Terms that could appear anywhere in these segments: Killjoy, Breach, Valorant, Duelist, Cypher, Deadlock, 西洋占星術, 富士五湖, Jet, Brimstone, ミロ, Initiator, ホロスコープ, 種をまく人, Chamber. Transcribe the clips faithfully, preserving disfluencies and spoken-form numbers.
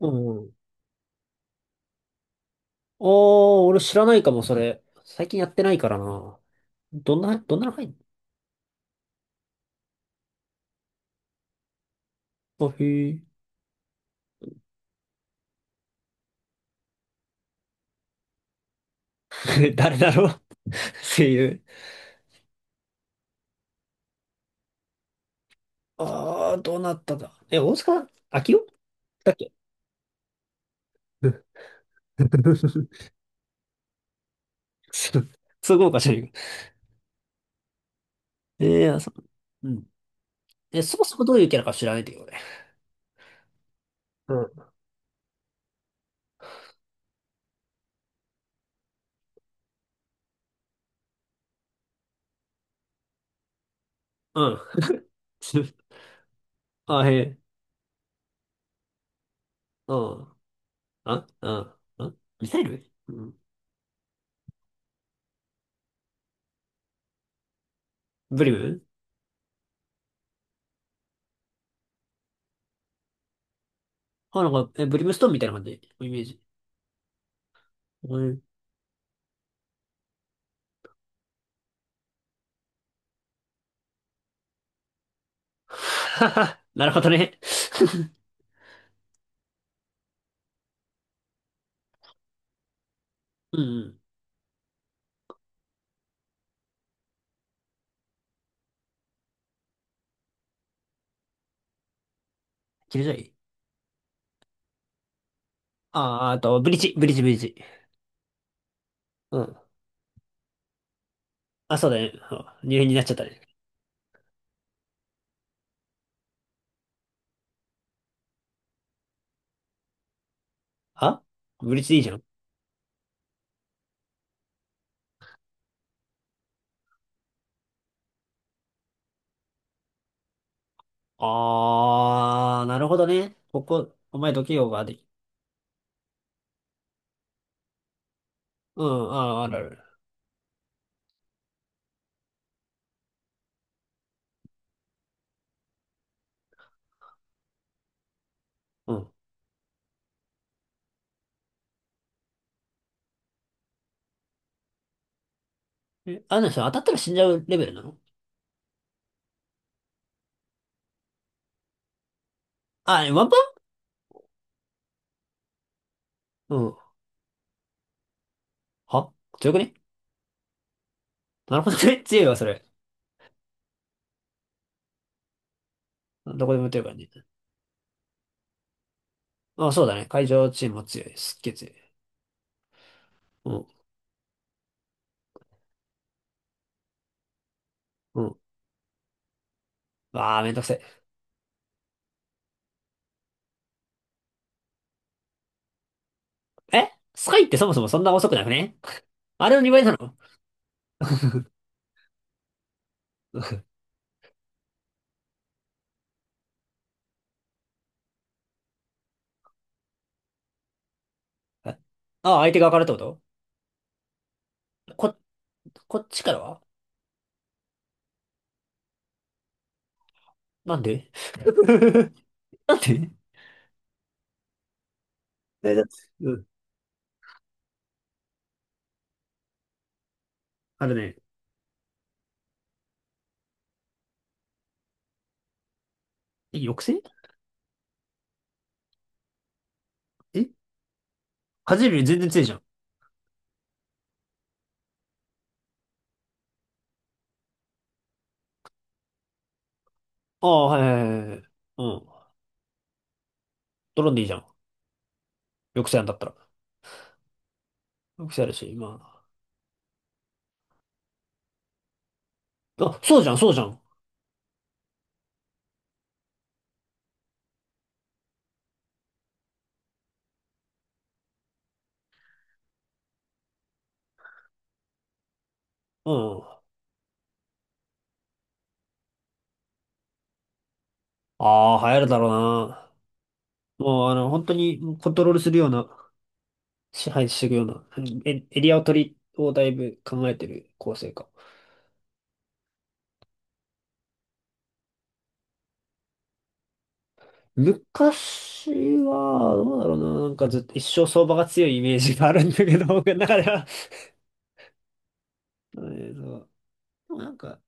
うん。ああ、俺知らないかも、それ。最近やってないからな。どんな、どんなの入んの？あ、へえ。誰だろう、声優。ああ、どうなったんだ。え、大塚明夫だっけ。うん。 そうそう、豪華じゃな いか。ええ、あ、そう、うん。え、そもそもどういうキャラか知らないんだけどね。うん。うん。あ、へえ。うん。あ、うん。うん。ミサイル。うん。ブリムあ、なんか、え、ブリムストーンみたいな感じ。イメージ。なるほどね。うんうん。キルジョイ。あー、あと、ブリッジ、ブリッジ、ブリッジ。うん。あ、そうだね。うん、入院になっちゃったね。あ、ブリッジでいいじゃん。あー、なるほどね。ここ、お前どけようができ。うん、あー、あるある。うん。え、あの人当たったら死んじゃうレベルなの？あ、えワンパン。うん。は、強くね？なるほどね。強いわ、それ。どこでも打てるからね。あ、そうだね。会場チームも強い。すっげえ強い。うん。うん。あー、めんどくせえ。え、スカイってそもそもそんな遅くなくね？ あれのになの？え、ああ、相手側からってこと？こ、こっちからは？なんで？ なんで？え、だって、うん。あれね。え、抑制？え、風より全然強いじゃん。ああ、はいはいはいはい。うん。ドローンでいいじゃん。抑制なんだったら。抑制あるし、まあ。あ、そうじゃん、そうじゃん。うん。ああ、流行るだろうな。もう、あの、本当にコントロールするような、支配していくような、うん、エ、エリアを取り、をだいぶ考えてる構成か。昔は、どうだろうな、なんかずっと一生相場が強いイメージがあるんだけど、僕の中では。えーとでも、なんか、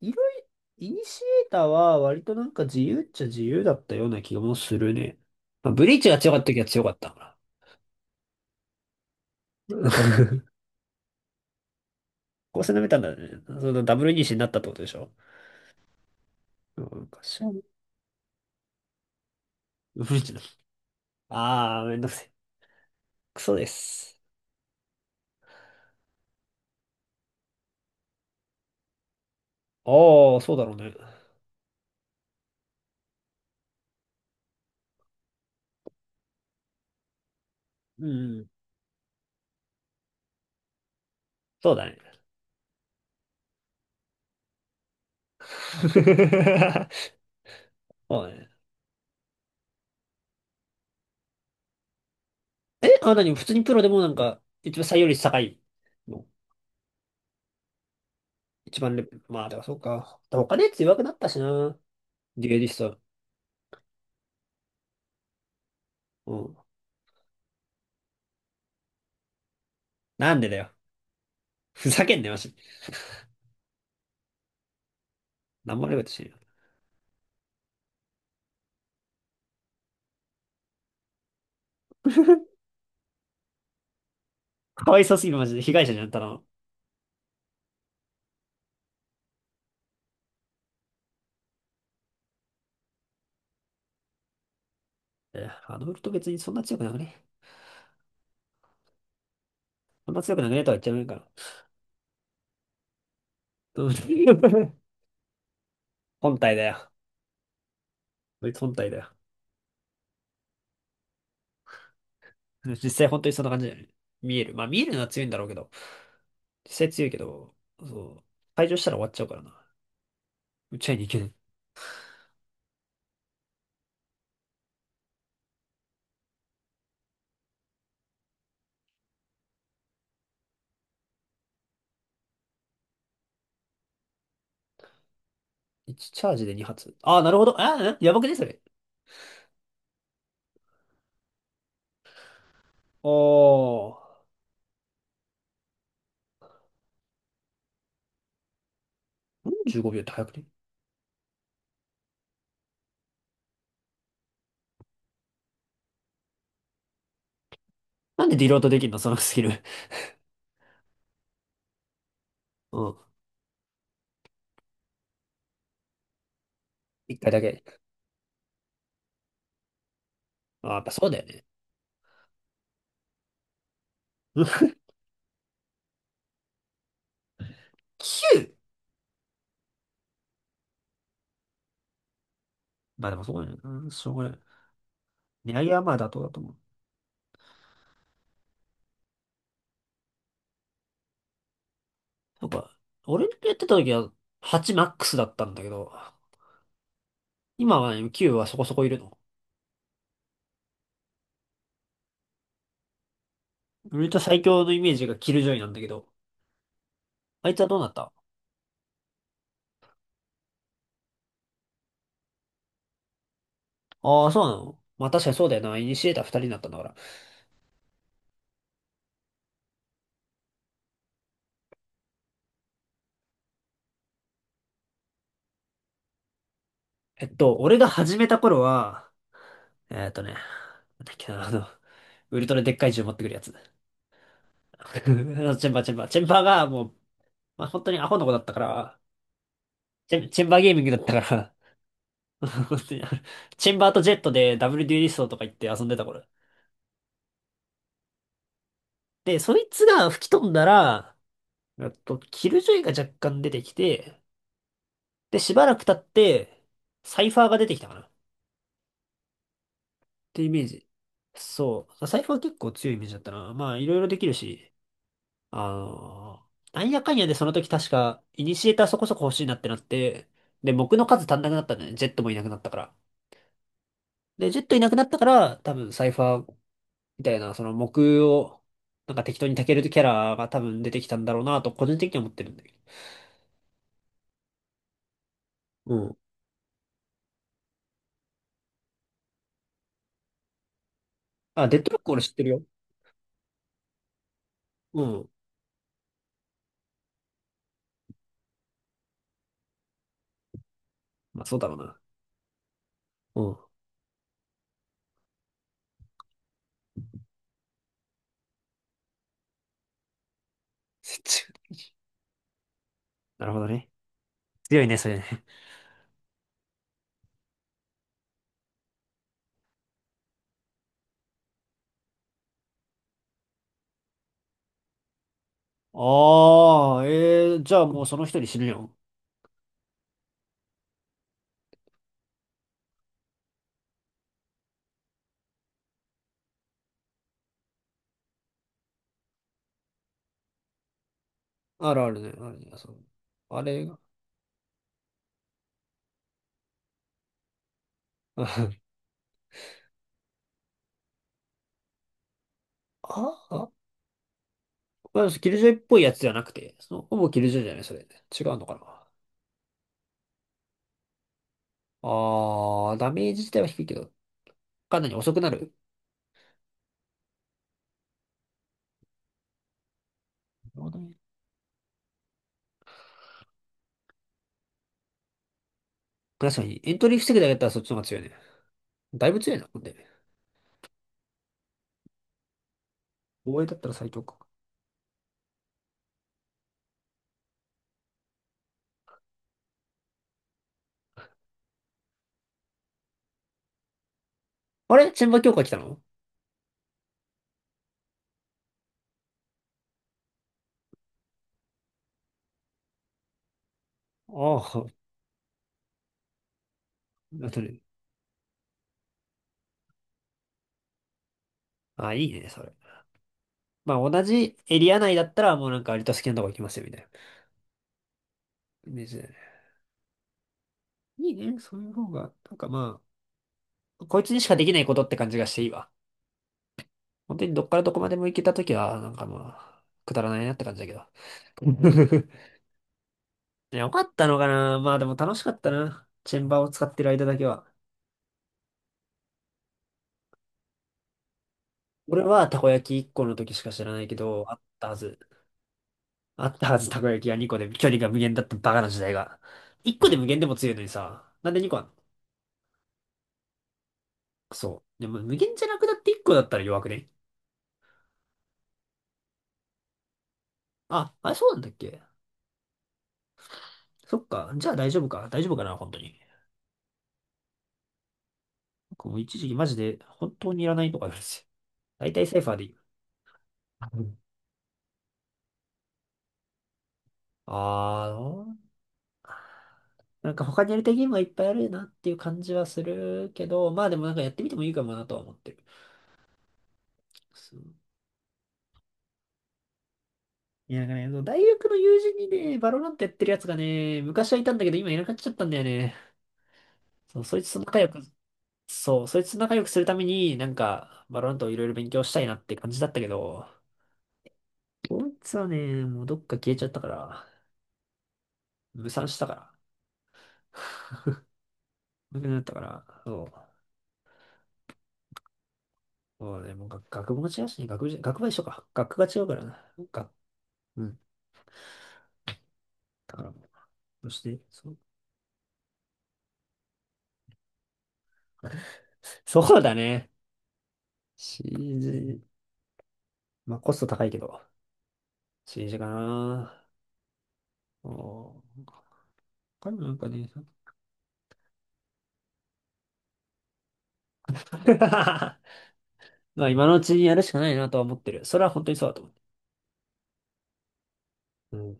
いろいろ、イニシエーターは割となんか自由っちゃ自由だったような気もするね。まあ、ブリーチが強かった時は強かったから。こうのなめたんだね。そのダブルイニシになったってことでしょ。なんかしブリーチだ。あー、めんどくせえ。クソです。あー、そうだろうね。うん、そうだね。そうだねえ。あ、何普通にプロでも、なんか、一番採用率高いの？一番レベル。まあ、だからそうか。他のやつ弱くなったしな。デュエリスト。うん。なんでだよ。ふざけんなよ、マジ。なんも悪いことしてるよ。かわいそうすぎる、マジで。被害者じゃん、ただの。え、あのウルト別にそんな強くなくね？そんな強くなくねとは言っちゃうんから。うん。 本体だよ。こいつ本体だよ。実際本当にそんな感じだよね。見える。まあ見えるのは強いんだろうけど。実際強いけど、そう。退場したら終わっちゃうからな。打ち合いに行けない。いちチャージでに発。ああ、なるほど。ああ、やばくね、それ？おー。よんじゅうごびょうって早くね？なんでディロートできんの、そのスキル。うん。いっかいだけ。ああ、やっぱそうだよね。きゅう! まあでもそうだよね。うん、しょうがない。値上げはまあ妥当だと思う。なんか、俺のやってた時ははちマックスだったんだけど、今はね、きゅうはそこそこいるの。俺と最強のイメージがキルジョイなんだけど、あいつはどうなった？ああー、そうなの？まあ、確かにそうだよな。イニシエーターふたりになったんだから。えっと、俺が始めた頃は、えーっとね、なんだっけな、あの、ウルトラでっかい銃持ってくるやつ。あのチェンバー、チェンバー。チェンバーがもう、まあ、本当にアホの子だったから、チェン、チェンバーゲーミングだったから、本当に、チェンバーとジェットでダブルデュエリストとか言って遊んでた頃。で、そいつが吹き飛んだら、えっと、キルジョイが若干出てきて、で、しばらく経って、サイファーが出てきたかなってイメージ。そう。サイファー結構強いイメージだったな。まあ、いろいろできるし。あの、なんやかんやでその時確か、イニシエーターそこそこ欲しいなってなって、で、木の数足んなくなったんだよね。ジェットもいなくなったから。で、ジェットいなくなったから、多分サイファーみたいな、その木を、なんか適当に炊けるキャラが多分出てきたんだろうなと、個人的には思ってるんだけど。うん。あ、デッドロック俺知ってるよ。うん。まあそうだろうな。うん。なるほどね。強いね、それね。ああ、えー、じゃあもうその一人死ぬよ。あるあるね、あるね、そう。あれが。ああ、まあ、キルジョイっぽいやつじゃなくて、その、ほぼキルジョイじゃない、それ。違うのかな。あー、ダメージ自体は低いけど、かなり遅くなる。なるほどね。確かに、エントリー防ぐだけだったらそっちの方が強いね。だいぶ強いな、ほんで。防衛だったら最強か。あれ、チェンバ強化来たの？ああ、なってる。あ、いいね、それ。まあ、同じエリア内だったら、もうなんか割と好きなとこ行きますよ、みたいなイメージだよね。いいね、そういう方が、なんかまあ、こいつにしかできないことって感じがしていいわ。本当にどっからどこまでも行けたときは、なんかまあ、くだらないなって感じだけど。いよかったのかな。まあでも楽しかったな。チェンバーを使ってる間だけは。俺はたこ焼きいっこの時しか知らないけど、あったはず。あったはず、たこ焼きがにこで距離が無限だったバカな時代が。いっこで無限でも強いのにさ。なんでにこあんの？クソ。でも無限じゃなくなっていっこだったら弱くね？あ、あれそうなんだっけ？そっか。じゃあ大丈夫か。大丈夫かな、本当に。僕もう一時期マジで本当にいらないとか言うんですよ。大体サイファーでいい。ああ、どう？なんか他にやりたいゲームがいっぱいあるなっていう感じはするけど、まあでもなんかやってみてもいいかもなとは思ってる。そう。いや、なんかね、そう、大学の友人にね、バロラントやってるやつがね、昔はいたんだけど今いなくなっちゃったんだよね。そう、そいつと仲良く、そう、そいつと仲良くするために、なんか、バロラントをいろいろ勉強したいなって感じだったけど、こいつはね、もうどっか消えちゃったから、無賛したから、無くなったから、そう。そうね、もう学学部も違うしね、学部じゃ、学部は一緒か。学科が違うからな。なんか、うん。だから、そして、そ、そうだね。シージー、まあコスト高いけど、シージー かな。おー、他にもなんかね、まあ今のうちにやるしかないなとは思ってる。それは本当にそうだと思う。うん。